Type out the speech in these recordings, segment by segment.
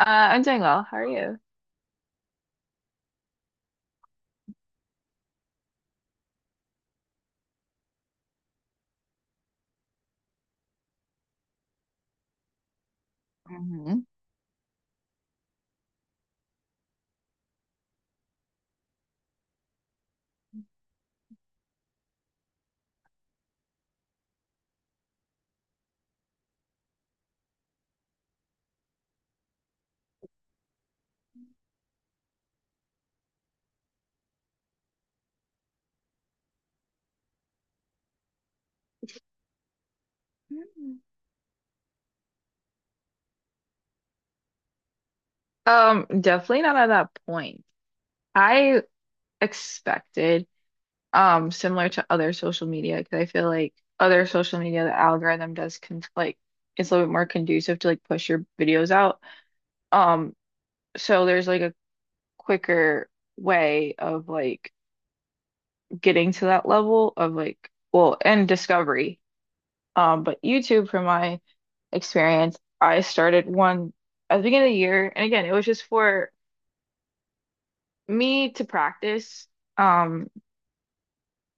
Uh, I'm doing well. How are you? Hmm. Definitely not at that point. I expected, similar to other social media, because I feel like other social media, the algorithm does con like it's a little bit more conducive to like push your videos out. Um, so there's like a quicker way of like getting to that level of like well and discovery. But YouTube, from my experience, I started one at the beginning of the year, and again, it was just for me to practice um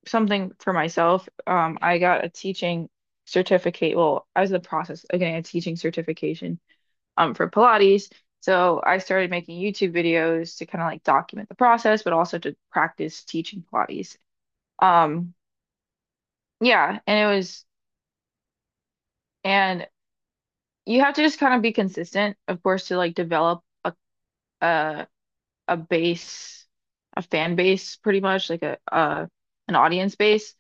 something for myself. I got a teaching certificate. Well, I was in the process of getting a teaching certification for Pilates. So I started making YouTube videos to kind of like document the process, but also to practice teaching Pilates. Um, yeah, and it was and you have to just kind of be consistent, of course, to like develop a, a base, a fan base pretty much, like a an audience base.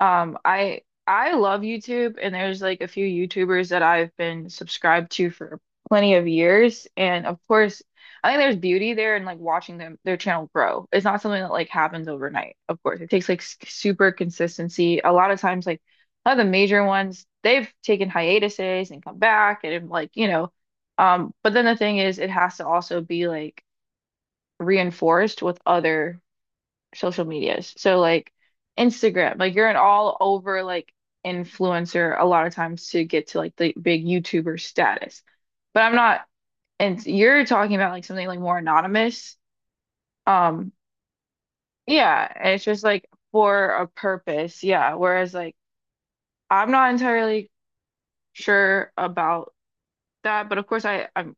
Um, I I love YouTube, and there's like a few YouTubers that I've been subscribed to for plenty of years, and of course I think there's beauty there in like watching them their channel grow. It's not something that like happens overnight. Of course, it takes like super consistency. A lot of times, like a lot of the major ones, they've taken hiatuses and come back, and like, but then the thing is it has to also be like reinforced with other social medias. So like Instagram, like you're an all over like influencer a lot of times to get to like the big YouTuber status. But I'm not, and you're talking about like something like more anonymous. Um, yeah, and it's just like for a purpose. Yeah. Whereas like I'm not entirely sure about that, but of course I I'm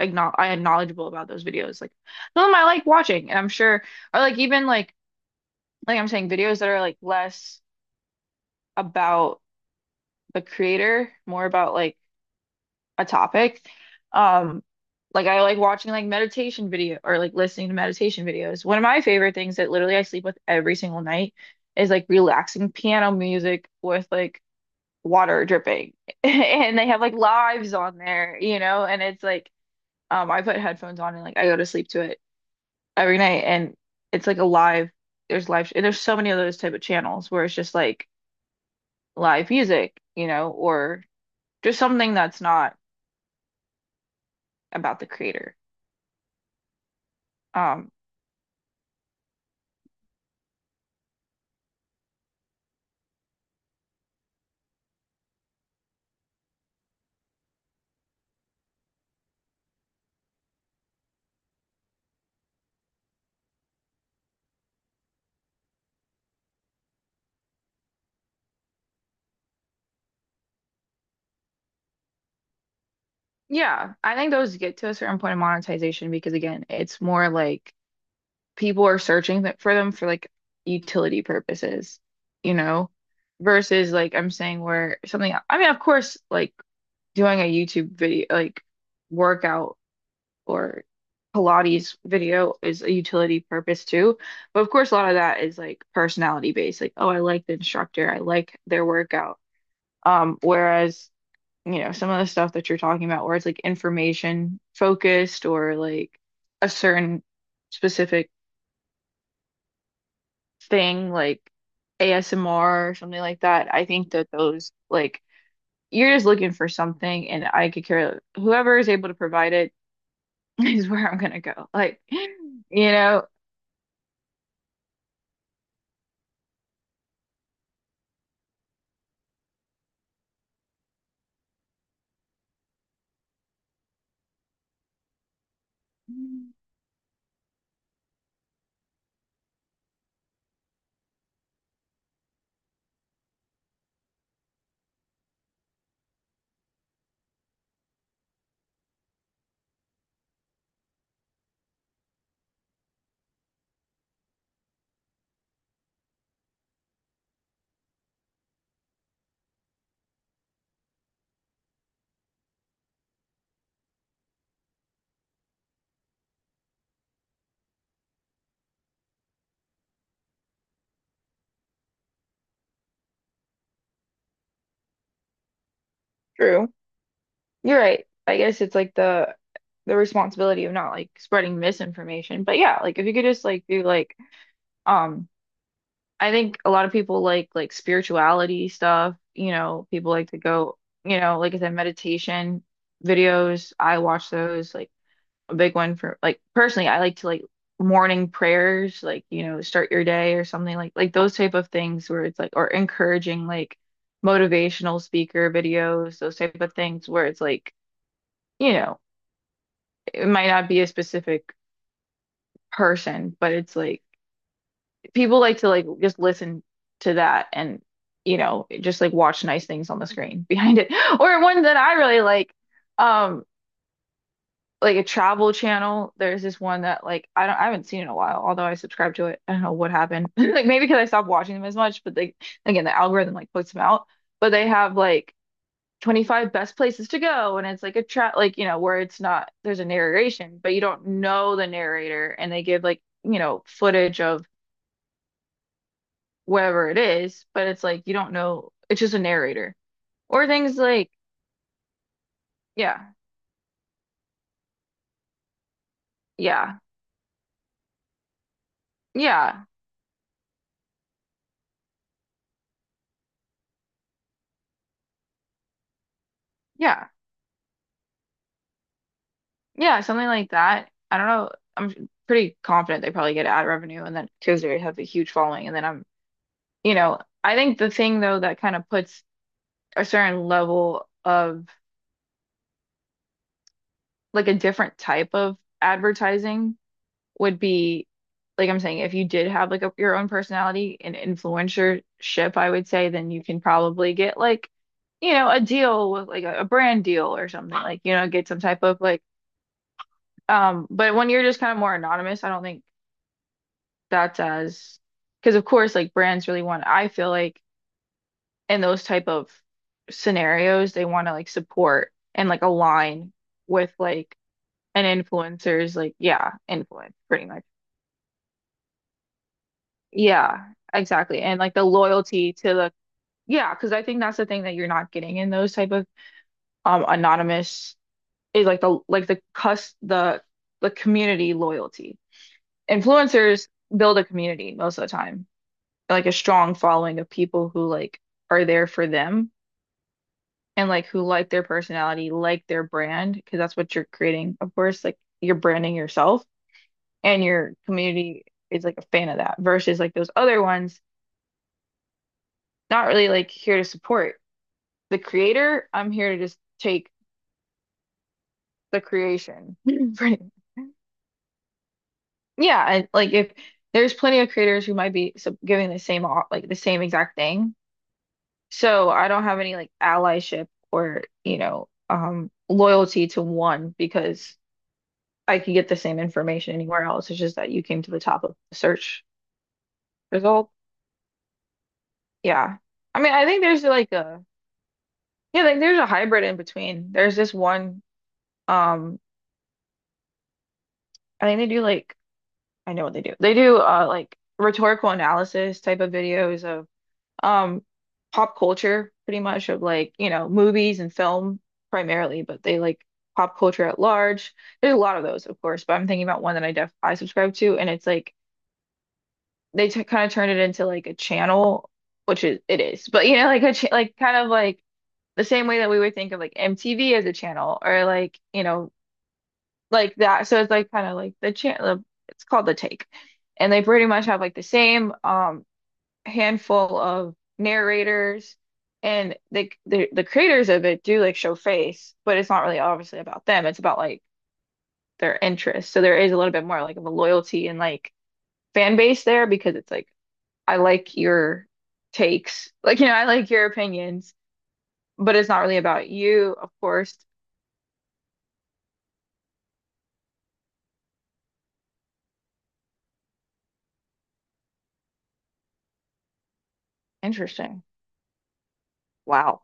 acknow I am knowledgeable about those videos. Like some of them I like watching, and I'm sure, or like even like I'm saying videos that are like less about the creator, more about like a topic. Um, like I like watching like meditation video or like listening to meditation videos. One of my favorite things that literally I sleep with every single night is like relaxing piano music with like water dripping. And they have like lives on there, you know, and it's like I put headphones on and like I go to sleep to it every night, and it's like a live, there's live, and there's so many of those type of channels where it's just like live music, you know, or just something that's not about the creator. Um, yeah, I think those get to a certain point of monetization because again, it's more like people are searching th for them for like utility purposes, you know, versus like I'm saying where something, I mean, of course, like doing a YouTube video, like workout or Pilates video is a utility purpose too. But of course, a lot of that is like personality based, like, oh, I like the instructor, I like their workout. Whereas some of the stuff that you're talking about where it's like information focused or like a certain specific thing, like ASMR or something like that. I think that those, like, you're just looking for something, and I could care. Whoever is able to provide it is where I'm gonna go. Like, you know, true. You're right. I guess it's like the responsibility of not like spreading misinformation. But yeah, like if you could just like do like um I think a lot of people like spirituality stuff, you know, people like to go, you know, like I said, meditation videos. I watch those like a big one for like personally, I like to like morning prayers, like, start your day or something like those type of things where it's like or encouraging like motivational speaker videos, those type of things where it's like, you know, it might not be a specific person, but it's like people like to like just listen to that and just like watch nice things on the screen behind it. Or one that I really um, like a travel channel. There's this one that like I haven't seen in a while, although I subscribe to it. I don't know what happened. Like maybe because I stopped watching them as much, but they again the algorithm like puts them out. But they have like 25 best places to go, and it's like a trap, like where it's not, there's a narration but you don't know the narrator, and they give like footage of wherever it is, but it's like you don't know. It's just a narrator or things like, yeah, yeah, yeah, yeah, yeah, something like that. I don't know. I'm pretty confident they probably get ad revenue, and then because they have a huge following, and then I'm, you know, I think the thing though that kind of puts a certain level of like a different type of advertising would be like I'm saying, if you did have like a, your own personality and influencership, I would say then you can probably get like, a deal with like a brand deal or something like, get some type of like, but when you're just kind of more anonymous, I don't think that's as, because of course, like brands really want, I feel like in those type of scenarios, they want to like support and like align with like an influencer's like, yeah, influence pretty much. Yeah, exactly. And like the loyalty to the, yeah, because I think that's the thing that you're not getting in those type of anonymous is like the cus the community loyalty. Influencers build a community most of the time, like a strong following of people who like are there for them and like who like their personality, like their brand, because that's what you're creating, of course, like you're branding yourself, and your community is like a fan of that versus like those other ones not really like here to support the creator, I'm here to just take the creation. Pretty- Yeah, and like if there's plenty of creators who might be sub giving the same like the same exact thing. So I don't have any like allyship or, loyalty to one because I could get the same information anywhere else. It's just that you came to the top of the search result. Yeah. I mean, I think there's like a, yeah, like there's a hybrid in between. There's this one um I think they do like I know what they do. They do like rhetorical analysis type of videos of um pop culture pretty much of like, movies and film primarily, but they like pop culture at large. There's a lot of those, of course, but I'm thinking about one that I subscribe to, and it's like they t kind of turn it into like a channel, which is it is. But like a ch like kind of like the same way that we would think of like MTV as a channel or like, like that. So it's like kind of like It's called the take, and they pretty much have like the same handful of narrators, and the creators of it do like show face, but it's not really obviously about them. It's about like their interests. So there is a little bit more like of a loyalty and like fan base there because it's like I like your takes, like I like your opinions, but it's not really about you, of course. Interesting. Wow.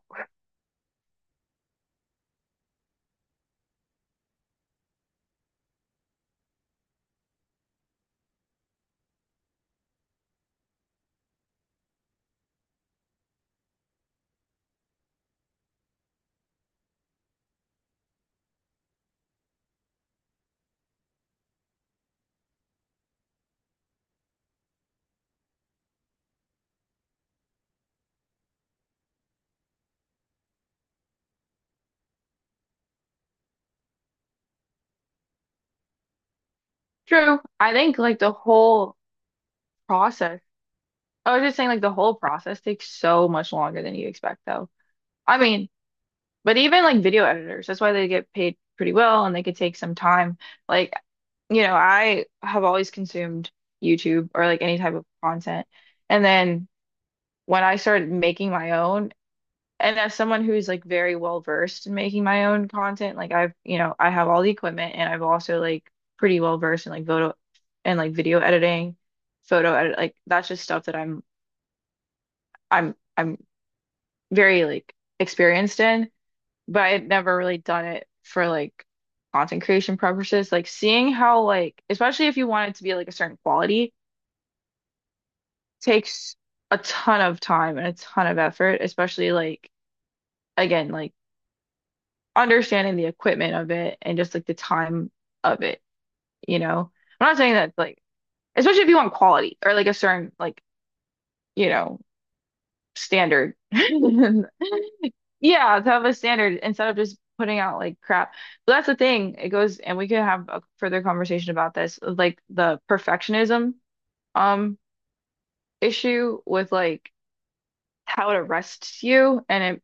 True. Process I was just saying, like, the whole process takes so much longer than you expect, though. I mean, but even like video editors, that's why they get paid pretty well, and they could take some time. Like, I have always consumed YouTube or like any type of content. And then when I started making my own, and as someone who's like very well versed in making my own content, I have all the equipment, and I've also like pretty well versed in like photo and like video editing, like that's just stuff that I'm very like experienced in, but I had never really done it for like content creation purposes. Like seeing how like especially if you want it to be like a certain quality takes a ton of time and a ton of effort, especially like again like understanding the equipment of it and just like the time of it, you know. I'm not saying that like especially if you want quality or like a certain like, you know, standard. Yeah, to have a standard instead of just putting out like crap. But that's the thing. It goes, and we could have a further conversation about this, of, like the perfectionism um issue with like how it arrests you and it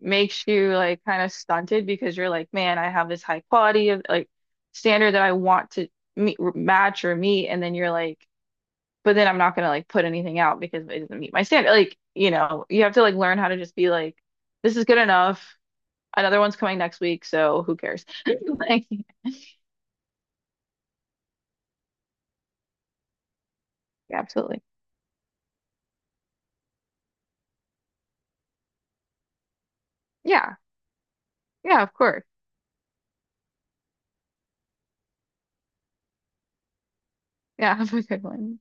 makes you like kind of stunted because you're like, man, I have this high quality of like standard that I want to meet, match or meet, and then you're like, but then I'm not gonna like put anything out because it doesn't meet my standard. Like, you have to like learn how to just be like, this is good enough. Another one's coming next week, so who cares? Like, absolutely. Yeah. Yeah, of course. Yeah, have a good one.